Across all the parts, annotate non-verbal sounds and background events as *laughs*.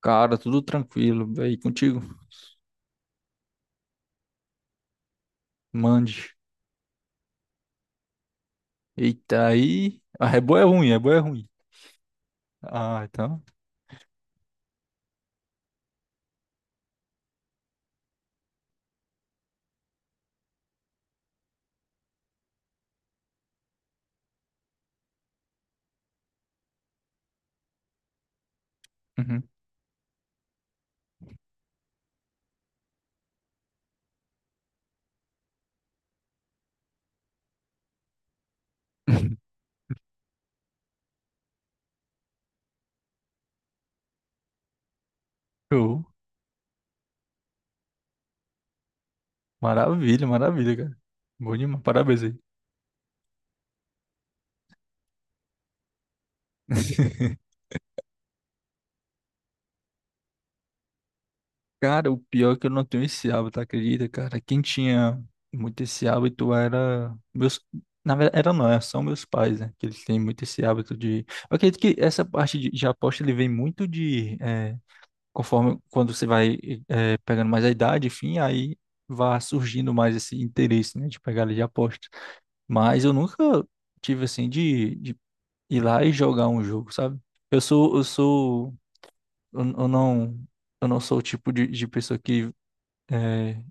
Cara, tudo tranquilo. E aí, contigo? Mande. Eita, aí. Ah, é boa é ruim, é boa é ruim. Ah, então. Uhum. *laughs* Show. Maravilha, maravilha, cara. Bom demais, parabéns aí. *laughs* Cara, o pior é que eu não tenho esse hábito, acredita, cara? Quem tinha muito esse hábito era meus. Na verdade, era não, são meus pais, né? Que eles têm muito esse hábito de. Eu acredito que essa parte de aposta ele vem muito de. Conforme quando você vai pegando mais a idade, enfim, aí vai surgindo mais esse interesse, né, de pegada de aposta. Mas eu nunca tive assim de ir lá e jogar um jogo, sabe? Eu sou, eu sou, eu não, Eu não sou o tipo de pessoa que é,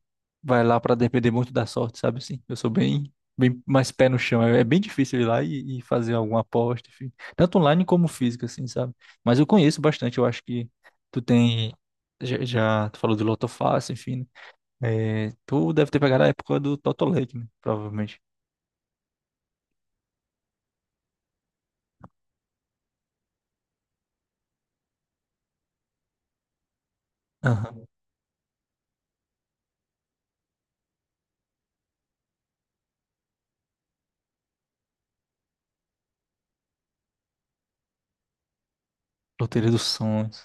vai lá pra depender muito da sorte, sabe assim? Eu sou bem, bem mais pé no chão. É bem difícil ir lá e fazer alguma aposta, enfim. Tanto online como física, assim, sabe? Mas eu conheço bastante, eu acho que tu tem. Já tu falou de Lotofácil, enfim, né? Tu deve ter pegado a época do Totolec, né? Provavelmente. Aham. Loteria dos Sonhos.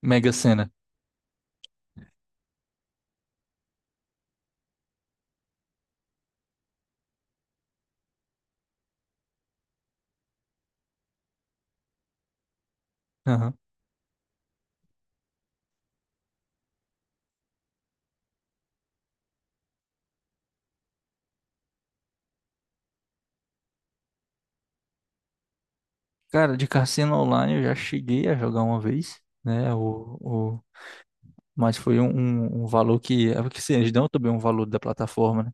Mega Sena. Aham. Cara, de cassino online eu já cheguei a jogar uma vez, né? Mas foi um, um valor que. É porque assim, eles dão também um valor da plataforma, né?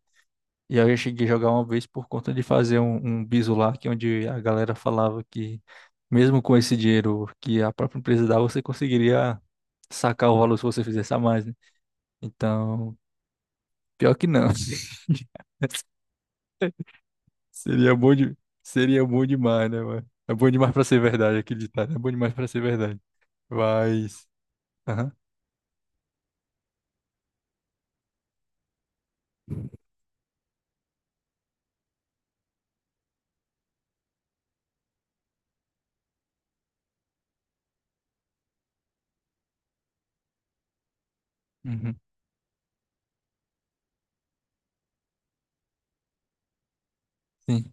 E aí eu cheguei a jogar uma vez por conta de fazer um, bizu lá, que é onde a galera falava que mesmo com esse dinheiro que a própria empresa dá, você conseguiria sacar o valor se você fizesse a mais, né? Então, pior que não. *laughs* Seria bom de... Seria bom demais, né, mano? É bom demais pra ser verdade, acreditar, né? É bom demais pra ser verdade. Mas... Aham. Uhum. Sim.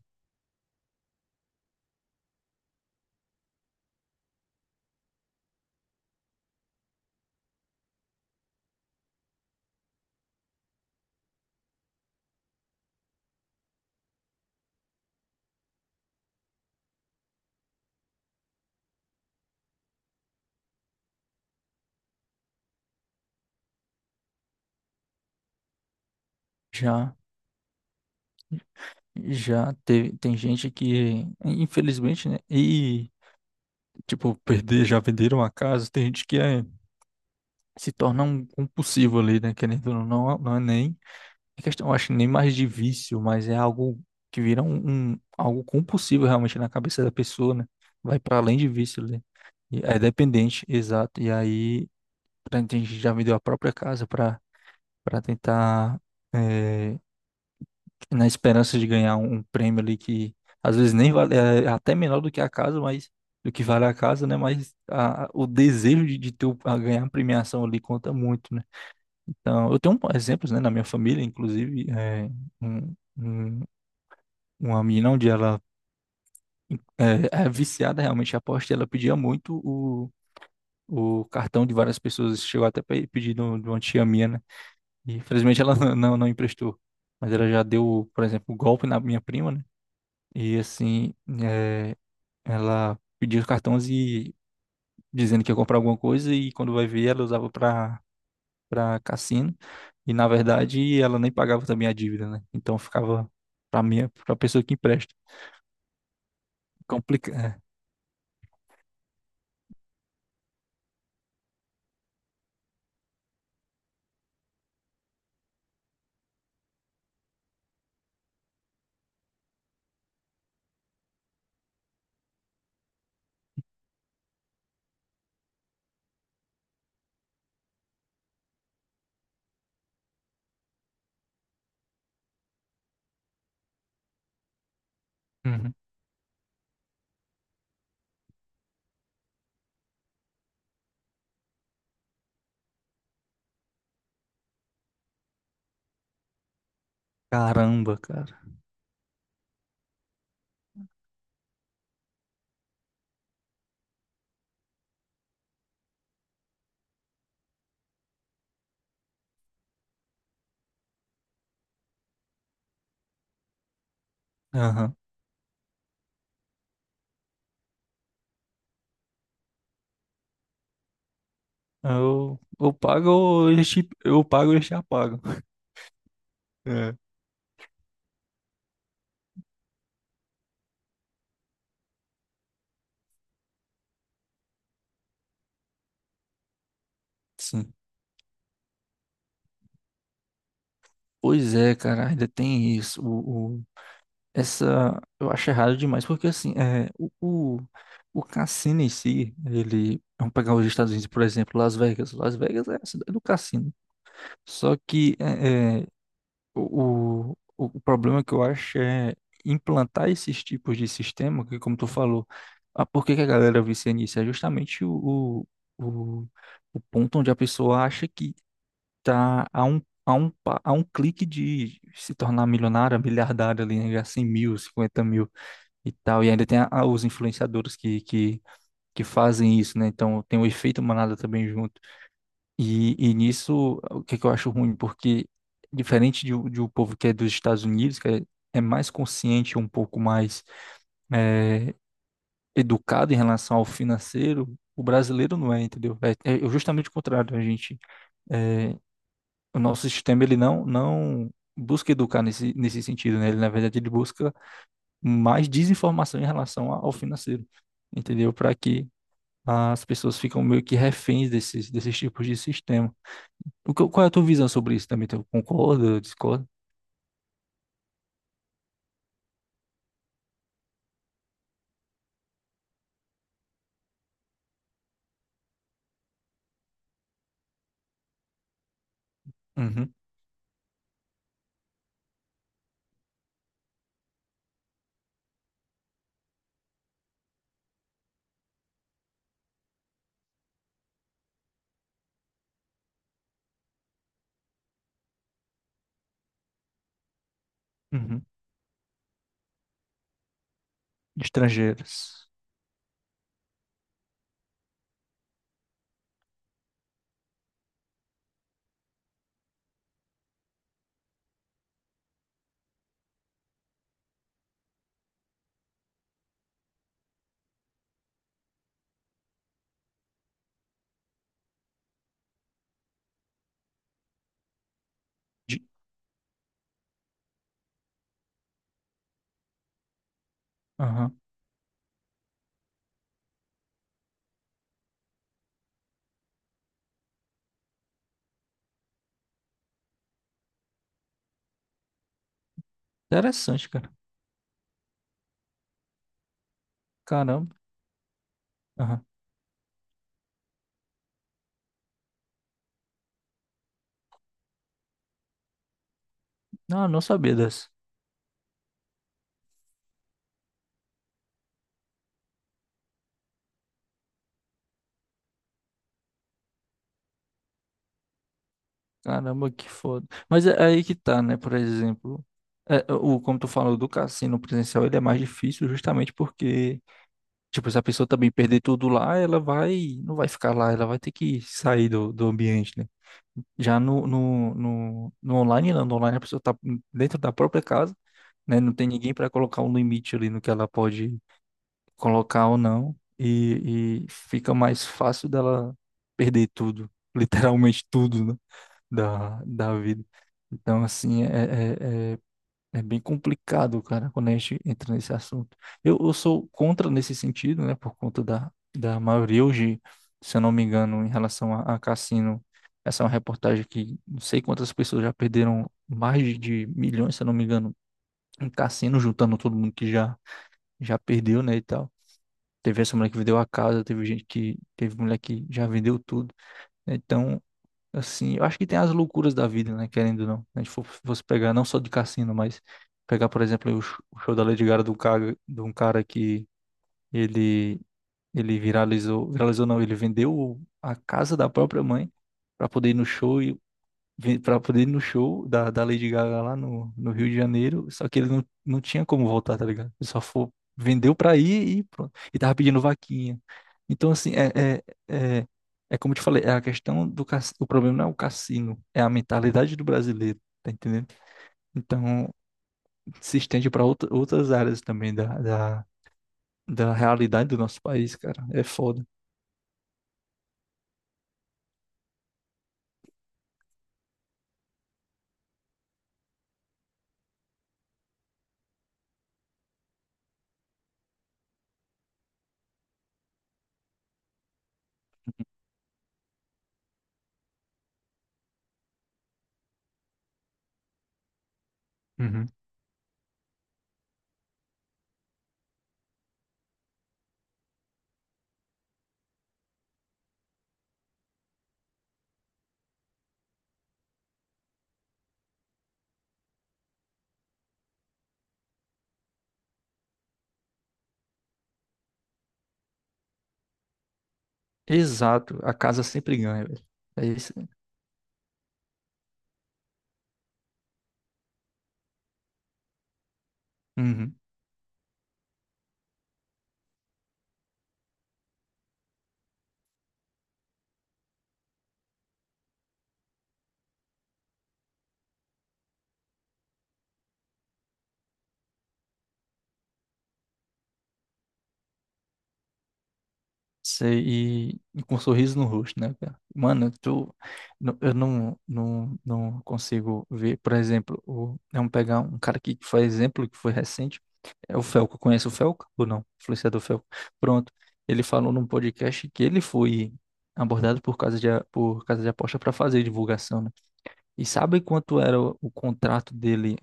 Já... Já teve, tem gente que, infelizmente, né? E tipo, perder, já venderam a casa, tem gente que se torna um compulsivo ali, né? Querendo ou não, não é nem é questão, eu acho, nem mais de vício, mas é algo que vira um, algo compulsivo realmente na cabeça da pessoa, né? Vai para além de vício ali. E é dependente, exato. E aí, tem gente que já vendeu a própria casa para tentar eh, na esperança de ganhar um, prêmio ali que às vezes nem vale, é até menor do que a casa, mas do que vale a casa, né? Mas o desejo de ter a ganhar a premiação ali conta muito, né? Então, eu tenho exemplos, né, na minha família, inclusive, um, uma menina onde ela é viciada realmente em aposta, e ela pedia muito o. O cartão de várias pessoas chegou até pedir de uma tia minha, né? E infelizmente ela *laughs* não emprestou. Mas ela já deu, por exemplo, o golpe na minha prima, né? E assim, eh, ela pedia os cartões e dizendo que ia comprar alguma coisa e quando vai ver ela usava para cassino e na verdade ela nem pagava também a dívida, né? Então ficava para mim, para pessoa que empresta. Complica, é. Uhum. Caramba, cara. Aham. Eu pago ou eu pago ou eles te apagam. Sim. Pois é, cara, ainda tem isso. o Essa eu acho errado demais, porque assim, o cassino em si, ele. Vamos pegar os Estados Unidos, por exemplo, Las Vegas. Las Vegas é a cidade do cassino. Só que o problema que eu acho é implantar esses tipos de sistema, que como tu falou, ah, por que que a galera vicia nisso? É justamente o, o, o ponto onde a pessoa acha que tá a um clique de se tornar milionária, miliardária ali, né? Ganhar 100 mil, 50 mil e tal. E ainda tem os influenciadores que fazem isso, né? Então tem o efeito manada também junto. E nisso, o que, que eu acho ruim? Porque diferente de o povo que é dos Estados Unidos, que é mais consciente, um pouco mais eh, educado em relação ao financeiro, o brasileiro não é, entendeu? É justamente o contrário. A gente, eh, o nosso sistema, ele não busca educar nesse sentido, né? Ele, na verdade, ele busca mais desinformação em relação ao financeiro, entendeu? Para que as pessoas ficam meio que reféns desses tipos de sistema. O que, qual é a tua visão sobre isso também? Tu concorda, discorda? Uhum, uhum. Estrangeiras. De... Aham. Interessante, cara. Caramba. Aham. Não, não sabia dessa. Caramba, que foda. Mas é aí que tá, né? Por exemplo, como tu falou do cassino presencial, ele é mais difícil justamente porque tipo, se a pessoa também perder tudo lá, ela vai, não vai ficar lá, ela vai ter que sair do ambiente, né? Já no online a pessoa tá dentro da própria casa, né? Não tem ninguém para colocar um limite ali no que ela pode colocar ou não, e fica mais fácil dela perder tudo, *laughs* literalmente tudo, né? Da vida. Então, assim, é é bem complicado, cara, quando a gente entra nesse assunto. Eu sou contra nesse sentido, né? Por conta da maioria hoje, se eu não me engano, em relação a cassino. Essa é uma reportagem que não sei quantas pessoas já perderam mais de milhões, se eu não me engano, em cassino, juntando todo mundo que já perdeu, né? E tal. Teve essa mulher que vendeu a casa, teve gente que. Teve mulher que já vendeu tudo. Então, assim, eu acho que tem as loucuras da vida, né? Querendo ou não. Se a gente fosse pegar não só de cassino, mas pegar, por exemplo, o show da Lady Gaga do cara, de um cara que ele, ele viralizou, viralizou não, ele vendeu a casa da própria mãe para poder ir no show e para poder ir no show da Lady Gaga lá no Rio de Janeiro, só que ele não tinha como voltar, tá ligado? Ele só foi, vendeu pra ir e pronto. E tava pedindo vaquinha. Então, assim, é, é como eu te falei, é a questão o problema não é o cassino, é a mentalidade do brasileiro, tá entendendo? Então, se estende para outras áreas também da realidade do nosso país, cara. É foda. Uhum. Exato, a casa sempre ganha, velho. É isso. Uhum. Sei, e com um sorriso no rosto, né, cara? Mano, eu não consigo ver, por exemplo, vamos pegar um cara aqui que foi exemplo, que foi recente, é o Felco, conhece o Felco ou não? Influenciador Felco. Pronto, ele falou num podcast que ele foi abordado por casa de aposta para fazer divulgação, né? E sabe quanto era o contrato dele,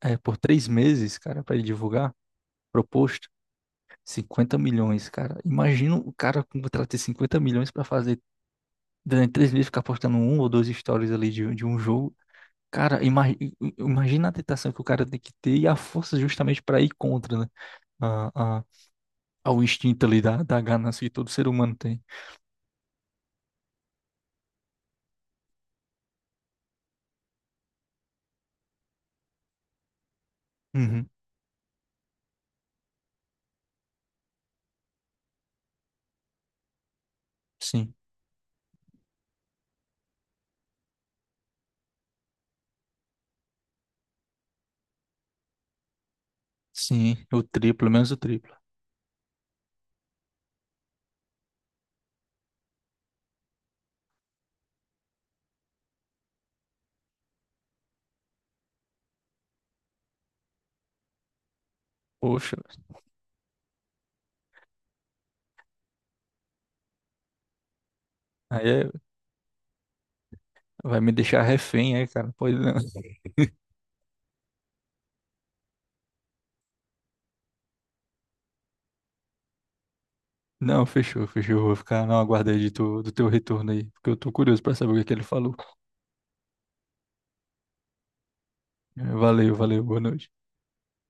por 3 meses, cara, para ele divulgar? Proposto? 50 milhões, cara. Imagina o cara contratar ter 50 milhões pra fazer durante 3 meses ficar postando um ou dois stories ali de um jogo. Cara, imagina a tentação que o cara tem que ter e a força justamente pra ir contra, né? A, a, ao instinto ali da ganância que todo ser humano tem. Uhum, sim, sim, o triplo, menos o triplo. Poxa, aí vai me deixar refém aí, cara. Pode não. Não, fechou, fechou. Vou ficar na aguarda aí de do teu retorno aí, porque eu tô curioso pra saber o que é que ele falou. É, valeu, valeu, boa noite.